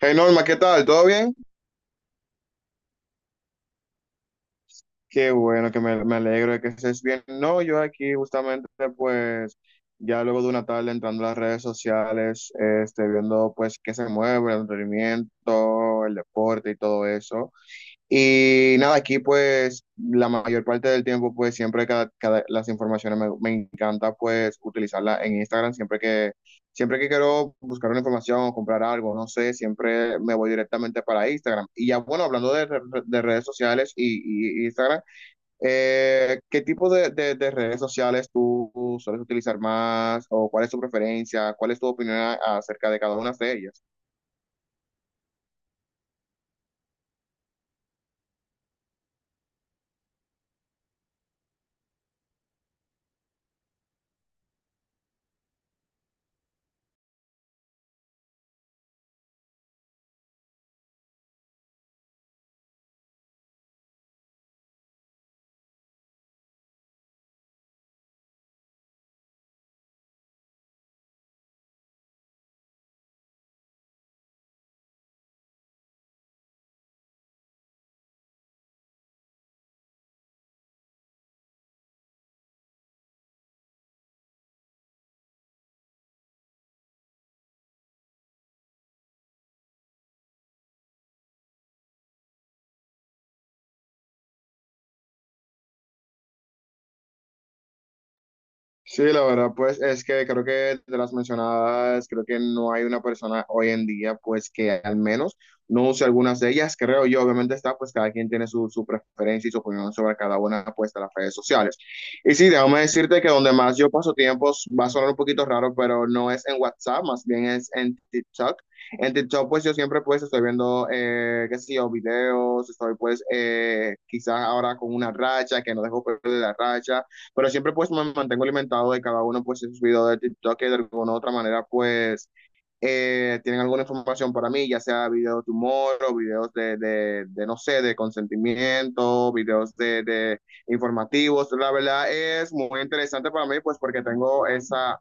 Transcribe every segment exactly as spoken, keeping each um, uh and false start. Hey Norma, ¿qué tal? ¿Todo bien? Qué bueno, que me, me alegro de que estés bien. No, yo aquí justamente pues ya luego de una tarde entrando a las redes sociales, este, viendo pues qué se mueve, el entretenimiento, el deporte y todo eso. Y nada, aquí pues la mayor parte del tiempo pues siempre cada, cada- las informaciones me, me encanta pues utilizarla en Instagram siempre que siempre que quiero buscar una información o comprar algo, no sé, siempre me voy directamente para Instagram. Y ya bueno, hablando de, re- de redes sociales y, y Instagram, eh, ¿qué tipo de, de- de redes sociales tú sueles utilizar más o cuál es tu preferencia? ¿Cuál es tu opinión a- acerca de cada una de ellas? Sí, la verdad, pues es que creo que de las mencionadas, creo que no hay una persona hoy en día, pues que al menos no use algunas de ellas, creo yo. Obviamente está, pues cada quien tiene su, su preferencia y su opinión sobre cada una, pues de las redes sociales. Y sí, déjame decirte que donde más yo paso tiempos, va a sonar un poquito raro, pero no es en WhatsApp, más bien es en TikTok. En TikTok, pues yo siempre, pues estoy viendo, eh, qué sé yo, videos, estoy pues eh, quizás ahora con una racha, que no dejo perder la racha pero siempre pues me mantengo alimentado de cada uno, pues en sus videos de TikTok que de alguna u otra manera pues eh, tienen alguna información para mí, ya sea videos de humor o videos de, de, de no sé, de consentimiento, videos de, de informativos. La verdad es muy interesante para mí pues porque tengo esa.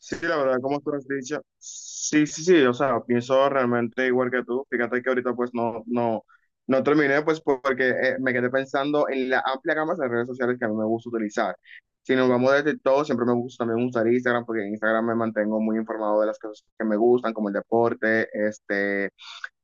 Sí, la verdad, como tú has dicho, sí, sí, sí, o sea, pienso realmente igual que tú. Fíjate que ahorita pues no, no, no terminé pues porque eh, me quedé pensando en la amplia gama de redes sociales que a mí me gusta utilizar. Si nos vamos desde todo, siempre me gusta también usar Instagram porque en Instagram me mantengo muy informado de las cosas que me gustan, como el deporte, este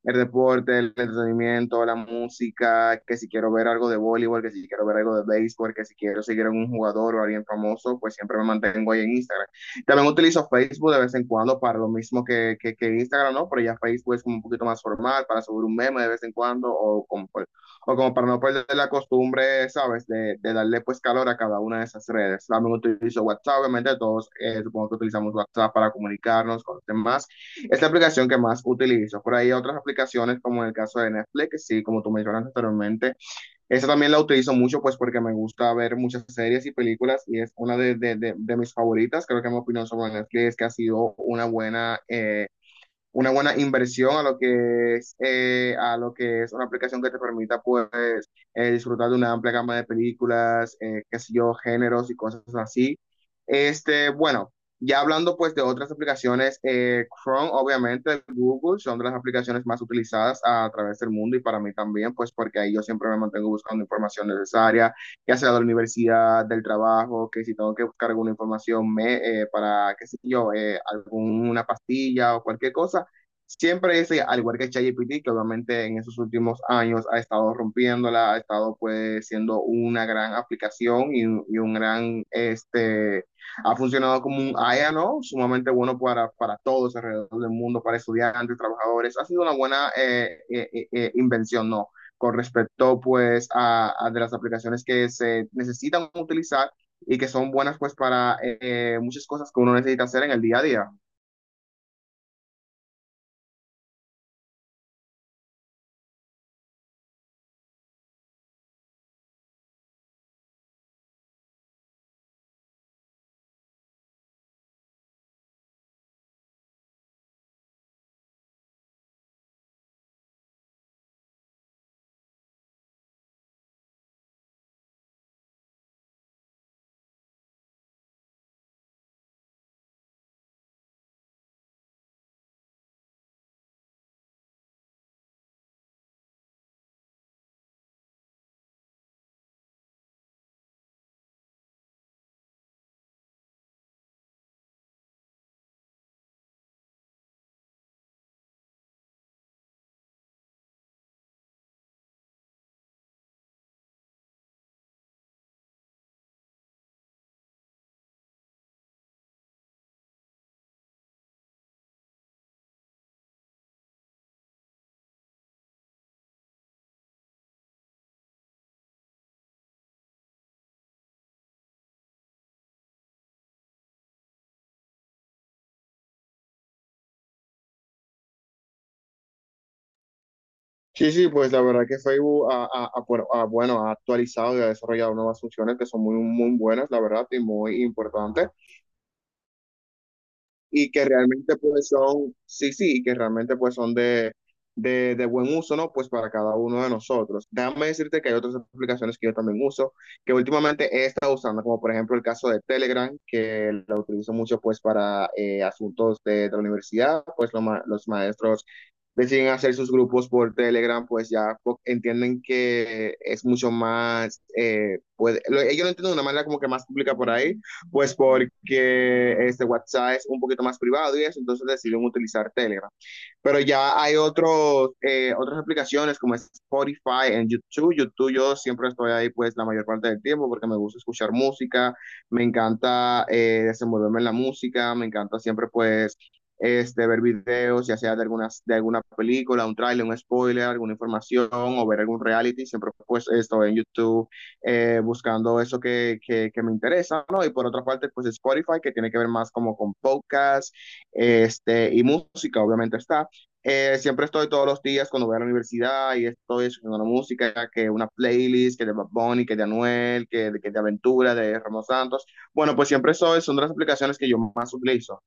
el deporte, el entretenimiento, la música, que si quiero ver algo de voleibol, que si quiero ver algo de béisbol, que si quiero seguir a un jugador o a alguien famoso, pues siempre me mantengo ahí en Instagram. También utilizo Facebook de vez en cuando para lo mismo que, que, que Instagram, ¿no? Pero ya Facebook es como un poquito más formal para subir un meme de vez en cuando o como, o como para no perder la costumbre, ¿sabes? De, de, darle pues calor a cada una de esas redes. También utilizo WhatsApp, obviamente todos, eh, supongo que utilizamos WhatsApp para comunicarnos con los demás. Es la aplicación que más utilizo. Por ahí hay otras aplicaciones, como en el caso de Netflix, que sí, como tú mencionaste anteriormente. Esa también la utilizo mucho, pues porque me gusta ver muchas series y películas y es una de, de- de- de mis favoritas. Creo que mi opinión sobre Netflix es que ha sido una buena eh, una buena inversión a lo que es, eh, a lo que es una aplicación que te permita pues eh, disfrutar de una amplia gama de películas, eh, qué sé yo, géneros y cosas así. Este, bueno, ya hablando pues de otras aplicaciones, eh, Chrome obviamente, Google son de las aplicaciones más utilizadas a través del mundo y para mí también, pues porque ahí yo siempre me mantengo buscando información necesaria, ya sea de la universidad, del trabajo, que si tengo que buscar alguna información me, eh, para, qué sé yo, eh, alguna pastilla o cualquier cosa, siempre ese, al igual que ChatGPT, que obviamente en esos últimos años ha estado rompiéndola, ha estado pues siendo una gran aplicación y, un- y un gran, este, ha funcionado como un A I A, ¿no? Sumamente bueno para, para todos alrededor del mundo, para estudiantes, trabajadores. Ha sido una buena eh, eh, eh, eh, invención, ¿no? Con respecto pues a, a de las aplicaciones que se necesitan utilizar y que son buenas pues para eh, eh, muchas cosas que uno necesita hacer en el día a día. Sí, sí, pues la verdad que Facebook ha, ha- ha, bueno, ha, bueno, ha actualizado y ha desarrollado nuevas funciones que son muy, muy buenas, la verdad, y muy importantes y que realmente pues son, sí, sí, y que realmente pues son de, de, de buen uso, ¿no? Pues para cada uno de nosotros. Déjame decirte que hay otras aplicaciones que yo también uso, que últimamente he estado usando, como por ejemplo el caso de Telegram, que lo utilizo mucho pues para eh, asuntos de, de la universidad, pues lo ma- los maestros deciden hacer sus grupos por Telegram, pues ya po- entienden que es mucho más, eh, pues lo- ellos lo entienden de una manera como que más pública por ahí pues porque este WhatsApp es un poquito más privado y eso, entonces decidieron utilizar Telegram. Pero ya hay otros, eh, otras aplicaciones como Spotify en YouTube. YouTube yo siempre estoy ahí pues la mayor parte del tiempo porque me gusta escuchar música, me encanta eh, desenvolverme en la música, me encanta siempre pues este, ver videos, ya sea de, algunas, de alguna película, un tráiler, un spoiler, alguna información o ver algún reality, siempre pues estoy en YouTube eh, buscando eso que, que, que, me interesa, ¿no? Y por otra parte, pues Spotify, que tiene que ver más como con podcast, este, y música, obviamente está. Eh, siempre estoy todos los días cuando voy a la universidad y estoy escuchando una música, que una playlist, que de Bad Bunny, que de Anuel, que, que de Aventura, de Ramos Santos. Bueno, pues siempre soy, son de las aplicaciones que yo más utilizo.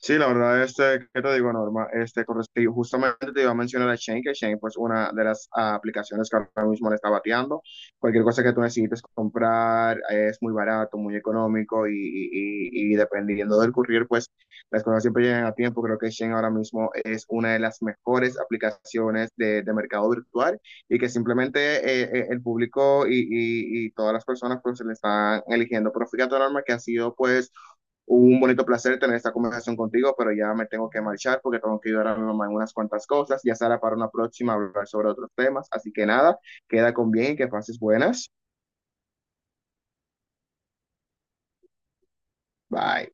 Sí, la verdad, este, ¿qué te digo, Norma? Este, con justamente te iba a mencionar a Shane, que Shane pues una de las ah, aplicaciones que ahora mismo le está bateando. Cualquier cosa que tú necesites comprar eh, es muy barato, muy económico y, y, y- y dependiendo del courier, pues las cosas siempre llegan a tiempo. Creo que Shane ahora mismo es una de las mejores aplicaciones de, de mercado virtual y que simplemente eh, eh, el público y, y, y todas las personas pues se le están eligiendo. Pero fíjate, Norma, que ha sido pues un bonito placer tener esta conversación contigo, pero ya me tengo que marchar porque tengo que ayudar a mi mamá en unas cuantas cosas. Ya será para una próxima hablar sobre otros temas. Así que nada, queda con bien y que pases buenas. Bye.